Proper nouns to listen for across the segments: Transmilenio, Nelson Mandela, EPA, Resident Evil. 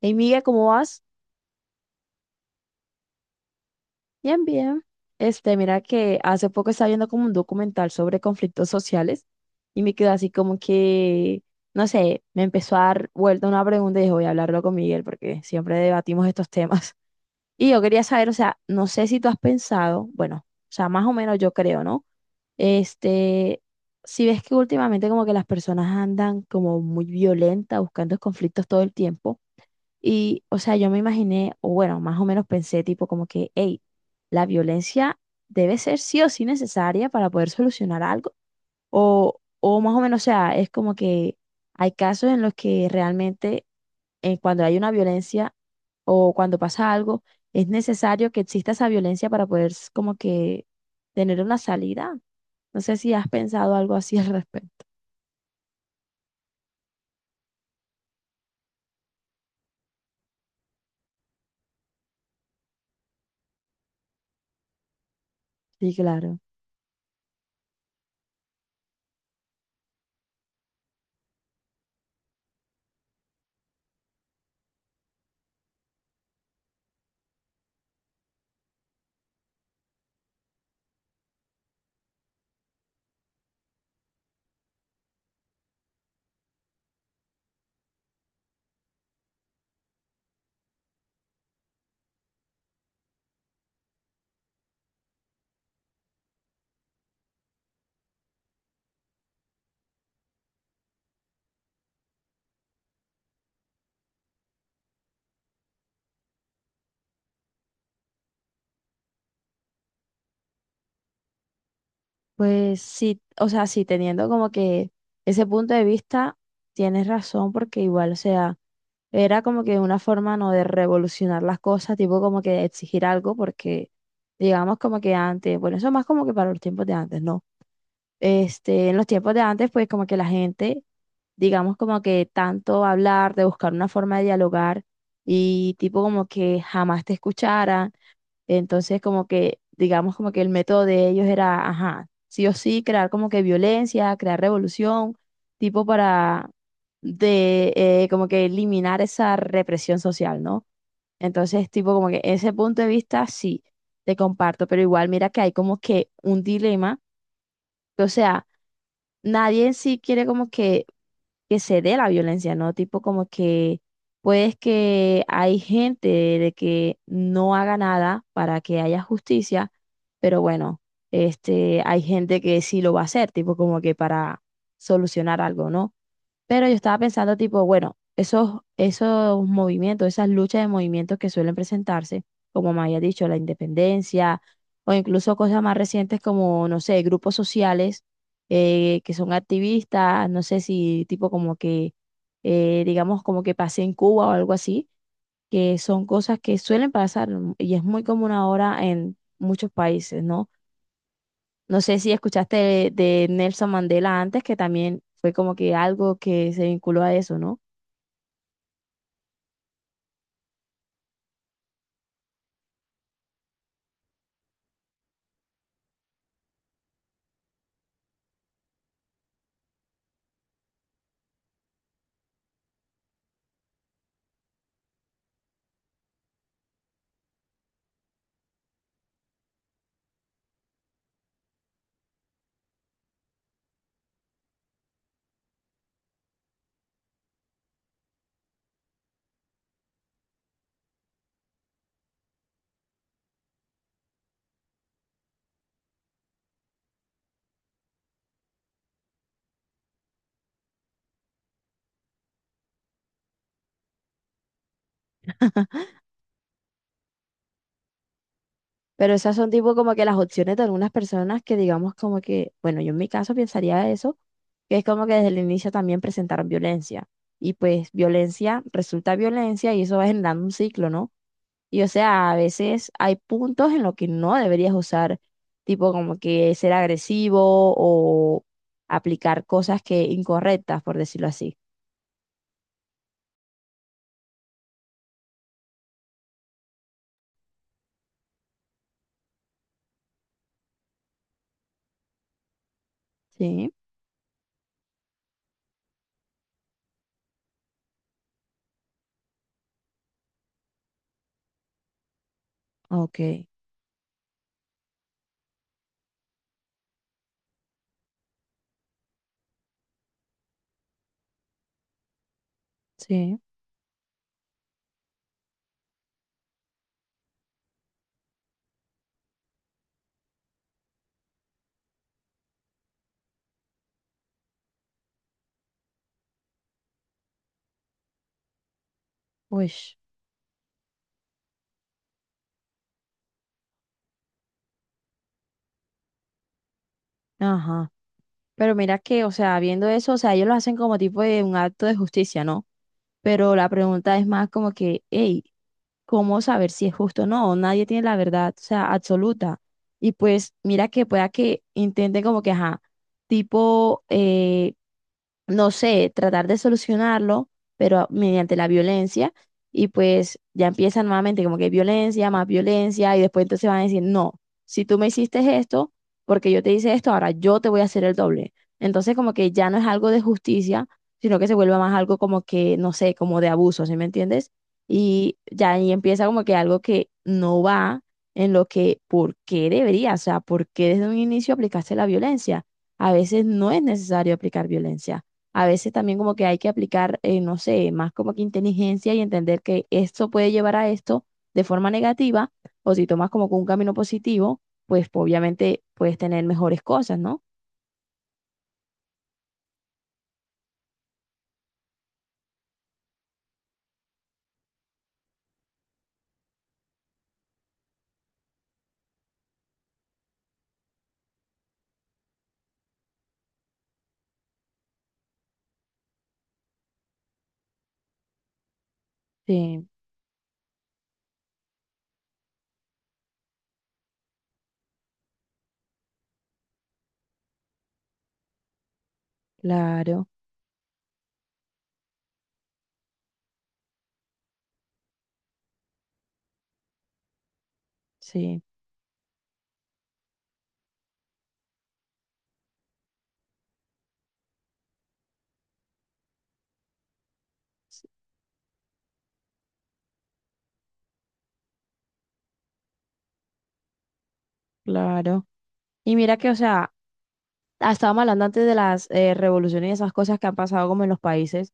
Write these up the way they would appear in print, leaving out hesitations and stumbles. Hey, Miguel, ¿cómo vas? Bien, bien. Mira que hace poco estaba viendo como un documental sobre conflictos sociales y me quedó así como que, no sé, me empezó a dar vuelta una pregunta y dije, voy a hablarlo con Miguel porque siempre debatimos estos temas. Y yo quería saber, o sea, no sé si tú has pensado, bueno, o sea, más o menos yo creo, ¿no? Este, si ves que últimamente como que las personas andan como muy violentas buscando conflictos todo el tiempo. Y, o sea, yo me imaginé, o bueno, más o menos pensé tipo como que, hey, la violencia debe ser sí o sí necesaria para poder solucionar algo. O más o menos, o sea, es como que hay casos en los que realmente cuando hay una violencia o cuando pasa algo, es necesario que exista esa violencia para poder como que tener una salida. No sé si has pensado algo así al respecto. Sí, claro. Pues sí, o sea, sí, teniendo como que ese punto de vista, tienes razón, porque igual, o sea, era como que una forma no de revolucionar las cosas, tipo como que exigir algo, porque digamos como que antes, bueno, eso más como que para los tiempos de antes, ¿no? En los tiempos de antes, pues como que la gente, digamos como que tanto hablar, de buscar una forma de dialogar y tipo como que jamás te escuchara entonces, como que, digamos, como que el método de ellos era, ajá, sí o sí, crear como que violencia, crear revolución, tipo para de, como que eliminar esa represión social, ¿no? Entonces, tipo, como que ese punto de vista sí, te comparto, pero igual mira que hay como que un dilema, que, o sea, nadie en sí quiere como que se dé la violencia, ¿no? Tipo como que, pues que hay gente de que no haga nada para que haya justicia, pero bueno, hay gente que sí lo va a hacer, tipo como que para solucionar algo, ¿no? Pero yo estaba pensando, tipo, bueno, esos movimientos, esas luchas de movimientos que suelen presentarse, como me había dicho, la independencia, o incluso cosas más recientes como, no sé, grupos sociales que son activistas, no sé si tipo como que, digamos, como que pasé en Cuba o algo así, que son cosas que suelen pasar y es muy común ahora en muchos países, ¿no? No sé si escuchaste de Nelson Mandela antes, que también fue como que algo que se vinculó a eso, ¿no? Pero esas son tipo como que las opciones de algunas personas que digamos como que, bueno, yo en mi caso pensaría eso, que es como que desde el inicio también presentaron violencia. Y pues violencia resulta violencia y eso va generando un ciclo, ¿no? Y o sea, a veces hay puntos en los que no deberías usar, tipo como que ser agresivo o aplicar cosas que incorrectas, por decirlo así. Sí, ok. Sí, uy, ajá. Pero mira que, o sea, viendo eso, o sea, ellos lo hacen como tipo de un acto de justicia, ¿no? Pero la pregunta es más como que, hey, ¿cómo saber si es justo o no? Nadie tiene la verdad, o sea, absoluta. Y pues mira que pueda que intenten como que, ajá, tipo, no sé, tratar de solucionarlo, pero mediante la violencia, y pues ya empiezan nuevamente como que violencia, más violencia, y después entonces van a decir, no, si tú me hiciste esto, porque yo te hice esto, ahora yo te voy a hacer el doble. Entonces como que ya no es algo de justicia, sino que se vuelve más algo como que, no sé, como de abuso, ¿sí me entiendes? Y ya ahí empieza como que algo que no va en lo que, ¿por qué debería? O sea, ¿por qué desde un inicio aplicaste la violencia? A veces no es necesario aplicar violencia. A veces también como que hay que aplicar, no sé, más como que inteligencia y entender que esto puede llevar a esto de forma negativa, o si tomas como que un camino positivo, pues, obviamente puedes tener mejores cosas, ¿no? Sí, claro, sí, sí, claro. Y mira que, o sea, estábamos hablando antes de las revoluciones y esas cosas que han pasado como en los países.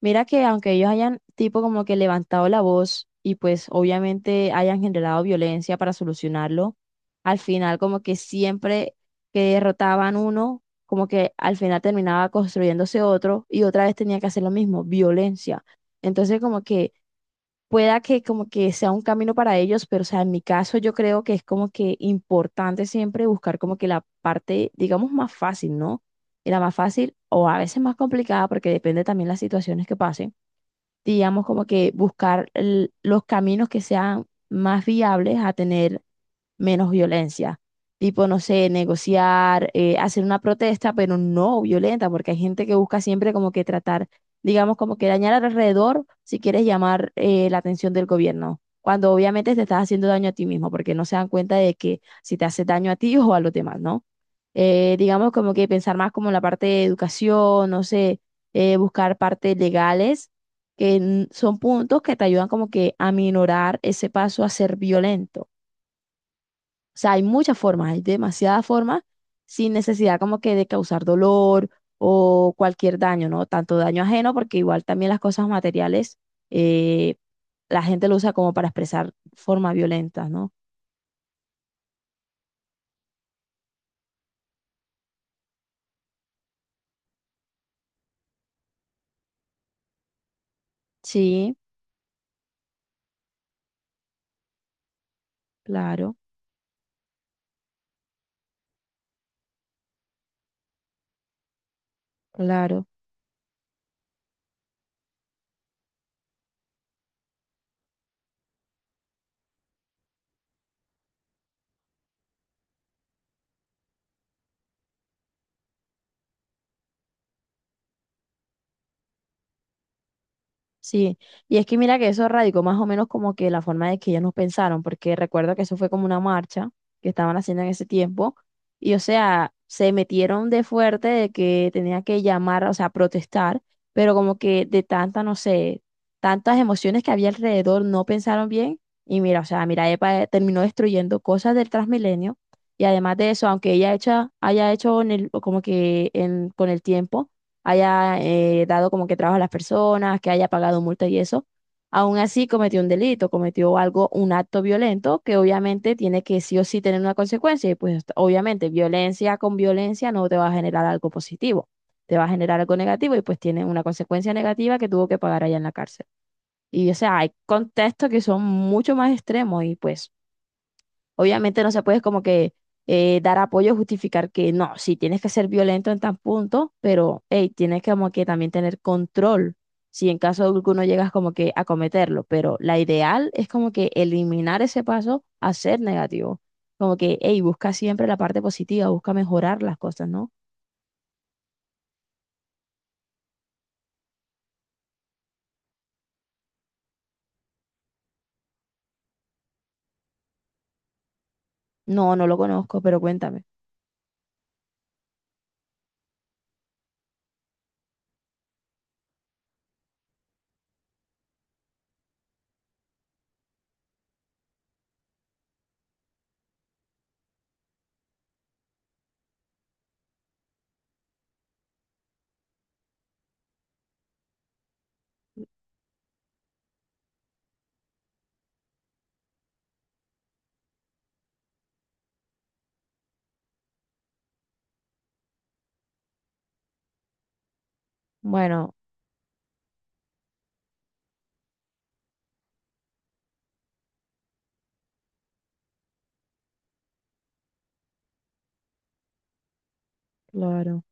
Mira que aunque ellos hayan tipo como que levantado la voz y pues obviamente hayan generado violencia para solucionarlo, al final como que siempre que derrotaban uno, como que al final terminaba construyéndose otro y otra vez tenía que hacer lo mismo, violencia. Entonces como que pueda que como que sea un camino para ellos, pero o sea, en mi caso yo creo que es como que importante siempre buscar como que la parte, digamos, más fácil, ¿no? Y la más fácil o a veces más complicada porque depende también las situaciones que pasen digamos, como que buscar los caminos que sean más viables a tener menos violencia. Tipo, no sé, negociar, hacer una protesta, pero no violenta, porque hay gente que busca siempre como que tratar, digamos, como que dañar al alrededor si quieres llamar la atención del gobierno, cuando obviamente te estás haciendo daño a ti mismo, porque no se dan cuenta de que si te hace daño a ti o a los demás, ¿no? Digamos, como que pensar más como en la parte de educación, no sé, buscar partes legales, que son puntos que te ayudan como que a minorar ese paso a ser violento. O sea, hay muchas formas, hay demasiadas formas sin necesidad como que de causar dolor o cualquier daño, ¿no? Tanto daño ajeno, porque igual también las cosas materiales, eh, la gente lo usa como para expresar formas violentas, ¿no? Sí, claro, claro. Sí, y es que mira que eso radicó más o menos como que la forma de que ellos nos pensaron, porque recuerdo que eso fue como una marcha que estaban haciendo en ese tiempo, y o sea, se metieron de fuerte de que tenía que llamar, o sea, protestar, pero como que de tanta, no sé, tantas emociones que había alrededor, no pensaron bien, y mira, o sea, mira, EPA terminó destruyendo cosas del Transmilenio, y además de eso, aunque ella hecha, haya hecho en como que con el tiempo haya dado como que trabajo a las personas, que haya pagado multa y eso, aún así cometió un delito, cometió algo, un acto violento que obviamente tiene que sí o sí tener una consecuencia y pues obviamente violencia con violencia no te va a generar algo positivo, te va a generar algo negativo y pues tiene una consecuencia negativa que tuvo que pagar allá en la cárcel. Y o sea, hay contextos que son mucho más extremos y pues... Obviamente no se puede como que dar apoyo, justificar que no, sí tienes que ser violento en tan punto, pero hey, tienes que como que también tener control si en caso de alguno llegas como que a cometerlo, pero la ideal es como que eliminar ese paso a ser negativo. Como que, hey, busca siempre la parte positiva, busca mejorar las cosas, ¿no? No, no lo conozco, pero cuéntame. Bueno, claro,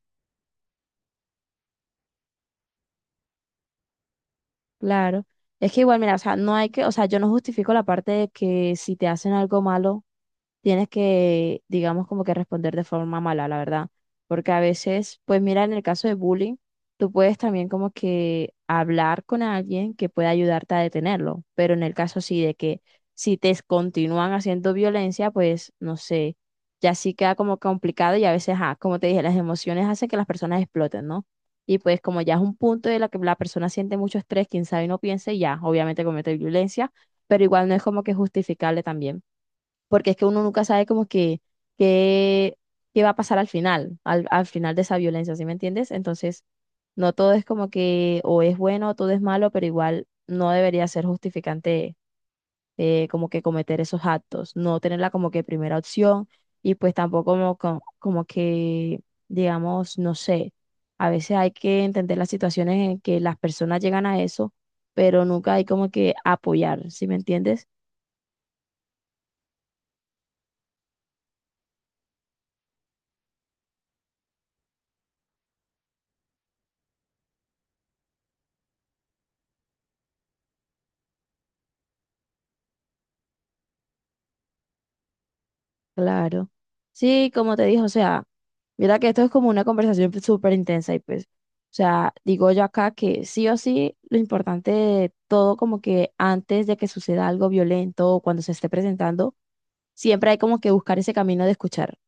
claro. Es que igual, mira, o sea, no hay que, o sea, yo no justifico la parte de que si te hacen algo malo, tienes que, digamos, como que responder de forma mala, la verdad. Porque a veces, pues mira, en el caso de bullying, tú puedes también como que hablar con alguien que pueda ayudarte a detenerlo, pero en el caso sí de que si te continúan haciendo violencia, pues no sé, ya sí queda como complicado y a veces, ah, como te dije, las emociones hacen que las personas exploten, ¿no? Y pues como ya es un punto de la que la persona siente mucho estrés, quién sabe y no piense, ya, obviamente comete violencia, pero igual no es como que justificable también porque es que uno nunca sabe como que qué, qué va a pasar al final, al, al final de esa violencia, ¿sí me entiendes? Entonces, no todo es como que o es bueno o todo es malo, pero igual no debería ser justificante como que cometer esos actos, no tenerla como que primera opción y pues tampoco como que, digamos, no sé, a veces hay que entender las situaciones en que las personas llegan a eso, pero nunca hay como que apoyar, ¿sí me entiendes? Claro. Sí, como te dije, o sea, mira que esto es como una conversación pues, súper intensa y pues, o sea, digo yo acá que sí o sí, lo importante de todo como que antes de que suceda algo violento o cuando se esté presentando, siempre hay como que buscar ese camino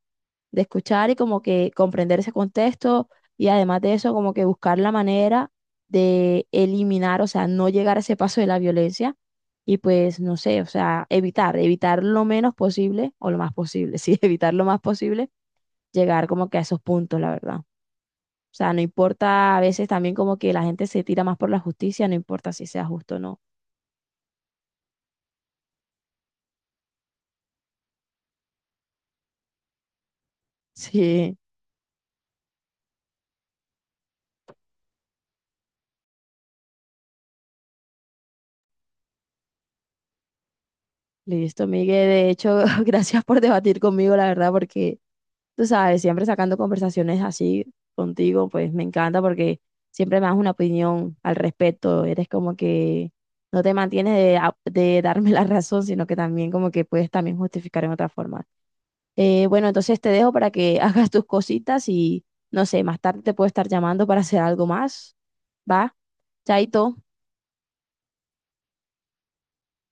de escuchar y como que comprender ese contexto y además de eso como que buscar la manera de eliminar, o sea, no llegar a ese paso de la violencia y pues no sé, o sea, evitar lo menos posible o lo más posible, sí, evitar lo más posible llegar como que a esos puntos, la verdad. O sea, no importa a veces también como que la gente se tira más por la justicia, no importa si sea justo o no. Sí. Listo, Miguel. De hecho, gracias por debatir conmigo, la verdad, porque tú sabes, siempre sacando conversaciones así contigo, pues me encanta porque siempre me das una opinión al respecto. Eres como que no te mantienes de, de darme la razón, sino que también como que puedes también justificar en otra forma. Bueno, entonces te dejo para que hagas tus cositas y no sé, más tarde te puedo estar llamando para hacer algo más. ¿Va? Chaito.